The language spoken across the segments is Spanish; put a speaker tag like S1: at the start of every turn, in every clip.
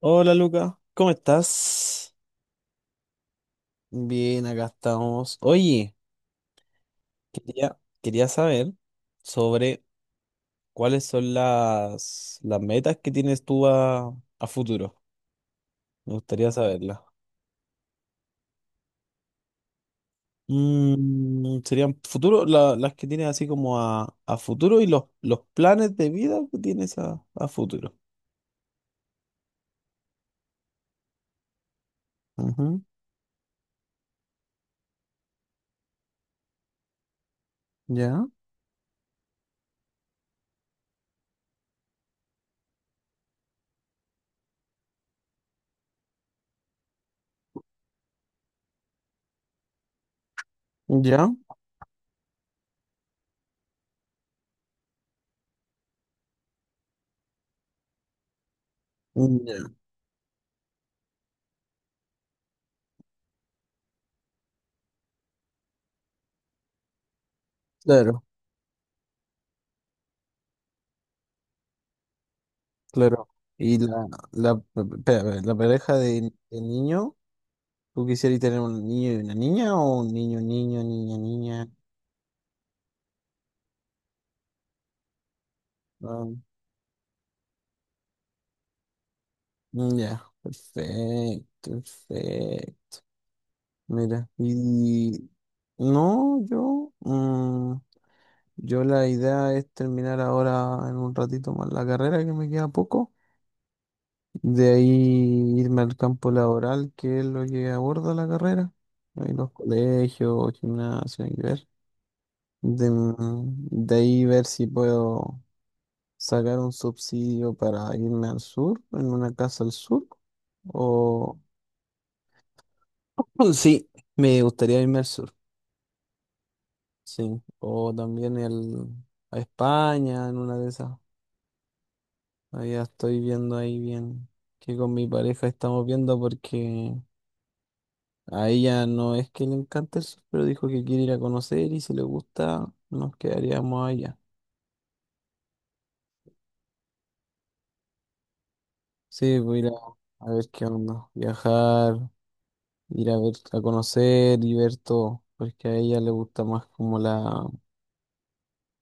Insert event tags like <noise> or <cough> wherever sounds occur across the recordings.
S1: Hola Luca, ¿cómo estás? Bien, acá estamos. Oye, quería saber sobre cuáles son las metas que tienes tú a futuro. Me gustaría saberlas. Serían futuro, las que tienes así como a futuro y los planes de vida que tienes a futuro. Ujú, ya, ya, ya. Claro, claro. Y espérame, la pareja de niño. ¿Tú quisieras tener un niño y una niña o un niño, niño, niña, niña? Ah, mm, ya, perfecto, perfecto. Mira, y no, yo, la idea es terminar ahora en un ratito más la carrera, que me queda poco. De ahí irme al campo laboral, que es lo que aborda la carrera. Ahí los colegios, gimnasios, hay que ver. De ahí ver si puedo sacar un subsidio para irme al sur, en una casa al sur, o <laughs> <clears throat> sí, me gustaría irme al sur, sí, o también a España, en una de esas, ahí estoy viendo ahí bien, que con mi pareja estamos viendo porque a ella no es que le encante el sur, pero dijo que quiere ir a conocer y si le gusta, nos quedaríamos allá. Sí, voy a ir a ver qué onda, viajar, ir a ver, a conocer y ver todo, porque a ella le gusta más como la,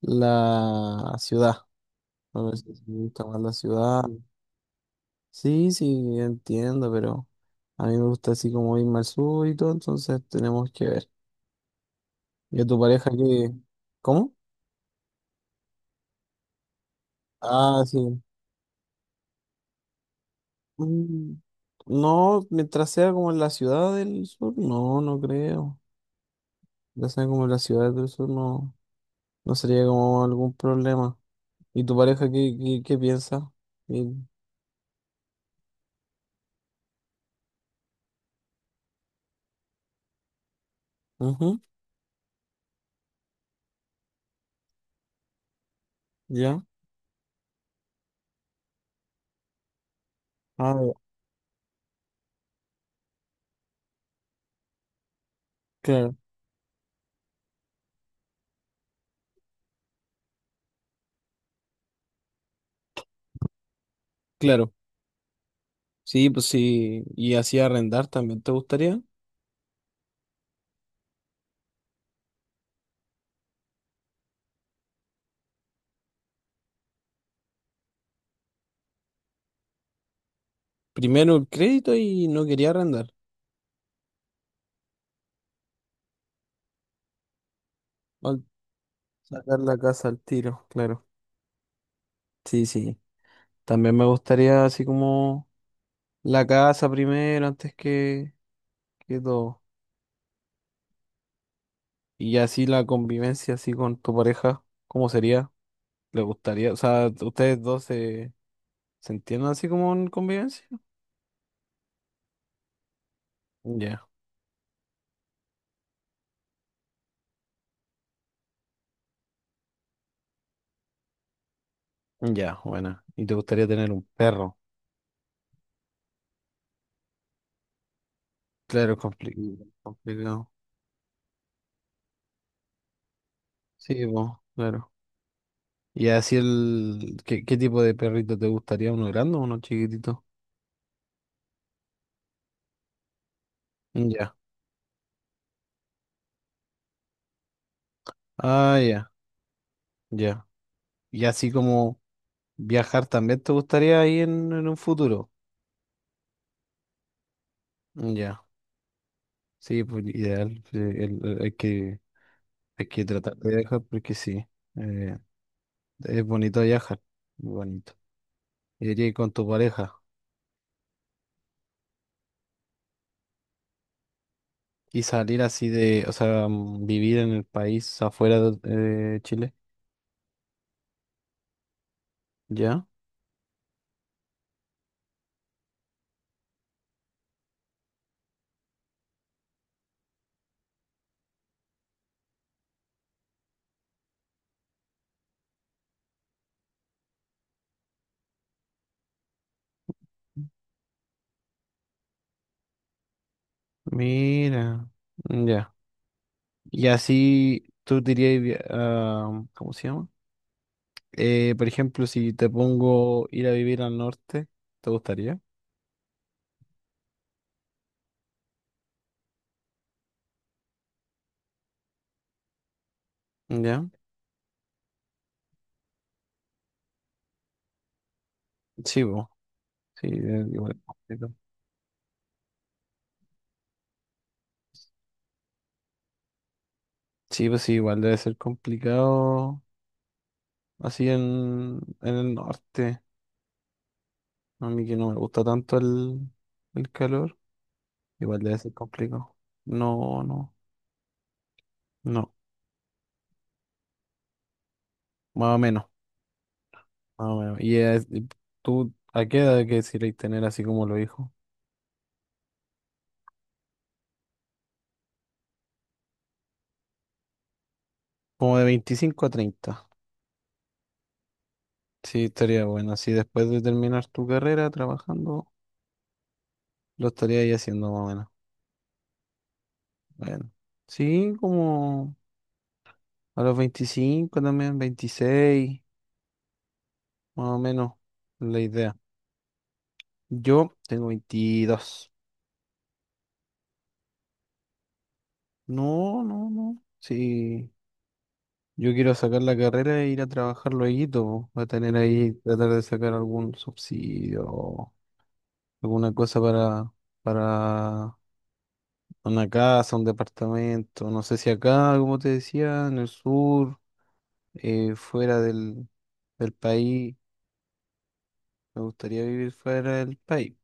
S1: la ciudad. A ver si le gusta más la ciudad. Sí, sí, yo entiendo, pero a mí me gusta así como irme al sur y todo, entonces tenemos que ver. ¿Y a tu pareja qué? ¿Cómo? Ah, sí. Mm, No, mientras sea como en la ciudad del sur, no, no creo. Mientras sea como en la ciudad del sur, no, no sería como algún problema. ¿Y tu pareja qué, qué piensa? Ujú, ya. Ah, claro, claro. Sí, pues sí. Y así arrendar también te gustaría. Primero el crédito y no quería arrendar. Al sacar la casa al tiro, claro. Sí, sí. También me gustaría así como la casa primero antes que todo. Y así la convivencia así con tu pareja, ¿cómo sería? ¿Le gustaría? O sea, ¿ustedes dos se entienden así como en convivencia? Ya, ya, bueno. ¿Y te gustaría tener un perro? Claro, complicado. Sí, po, claro. Y así el. ¿Qué, tipo de perrito te gustaría? ¿Uno grande o uno chiquitito? Ya. Ah, ya, ya. Y así como viajar también te gustaría ahí en un futuro. Ya. Sí, pues ideal. Sí, hay que tratar de viajar porque sí. eh, es bonito viajar. Muy bonito. Y diría que con tu pareja. Y salir así de, o sea, vivir en el país afuera de Chile. ¿Ya? Mira, ya. Y así tú dirías, ¿cómo se llama? Por ejemplo, si te pongo ir a vivir al norte, ¿te gustaría? Ya. Sí, pues. Sí, igual complicado. Sí, pues sí, igual debe ser complicado así en el norte. A mí que no me gusta tanto el calor, igual debe ser complicado. No, no, no. Más o menos, más o menos. Y tú, ¿a qué edad quisierais tener así como los hijos? Como de 25 a 30. Sí, estaría bueno. Así después de terminar tu carrera trabajando, lo estaría ahí haciendo más o menos. Bueno. Sí, como a los 25 también, 26, más o menos la idea. Yo tengo 22. No, no, no. Sí, yo quiero sacar la carrera e ir a trabajar lueguito, po. Voy a tener ahí, tratar de sacar algún subsidio, alguna cosa para una casa, un departamento, no sé si acá, como te decía, en el sur, fuera del país. Me gustaría vivir fuera del país,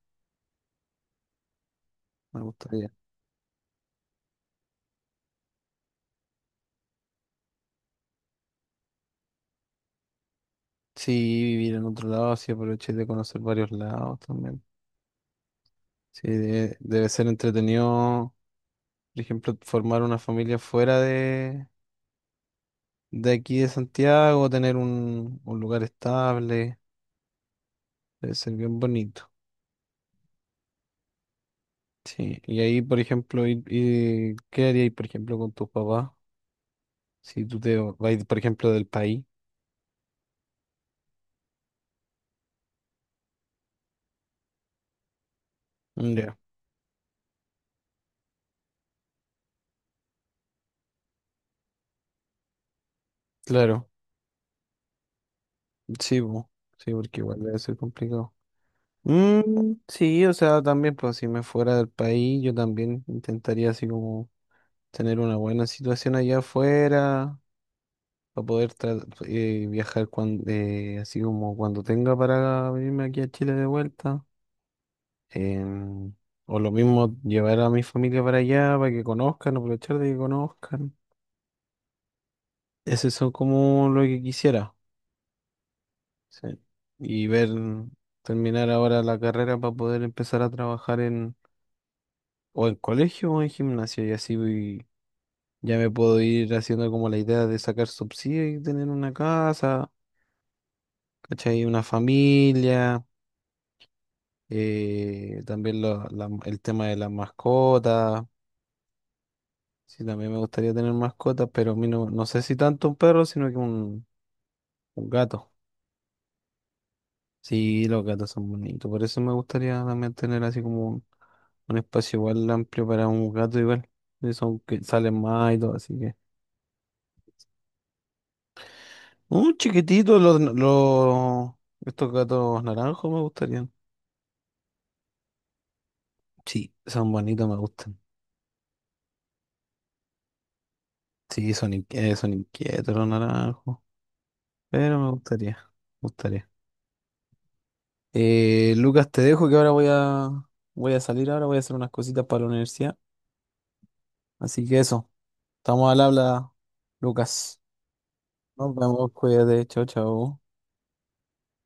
S1: me gustaría. Sí, vivir en otro lado, así aproveché de conocer varios lados también. Sí, debe ser entretenido, por ejemplo, formar una familia fuera de aquí de Santiago, tener un lugar estable, debe ser bien bonito. Sí, y ahí, por ejemplo, ¿qué haríais, por ejemplo, con tus papás? Si tú te vas, por ejemplo, del país. Mm, ya, claro. Sí, bo. Sí, porque igual debe ser complicado. Sí, o sea, también, pues si me fuera del país, yo también intentaría así como tener una buena situación allá afuera, para poder viajar cuando, así como cuando tenga para venirme aquí a Chile de vuelta. Em, o lo mismo, llevar a mi familia para allá, para que conozcan, aprovechar de que conozcan. Ese son como lo que quisiera. Sí. Y ver, terminar ahora la carrera para poder empezar a trabajar o en colegio o en gimnasia, y así ya me puedo ir haciendo como la idea de sacar subsidio y tener una casa, ¿cachai? Una familia, también el tema de las mascotas, sí, también me gustaría tener mascotas, pero a mí no, no sé si tanto un perro, sino que un gato. Sí, los gatos son bonitos. Por eso me gustaría también tener así como un espacio igual amplio para un gato igual. Y son que salen más y todo, así que. Un chiquitito, estos gatos naranjos me gustarían. Sí, son bonitos, me gustan. Sí, son inquietos los naranjos. Pero me gustaría, me gustaría. Lucas, te dejo que ahora voy a salir ahora, voy a hacer unas cositas para la universidad. Así que eso, estamos al habla, Lucas. Nos vemos, cuídate, chao, chao.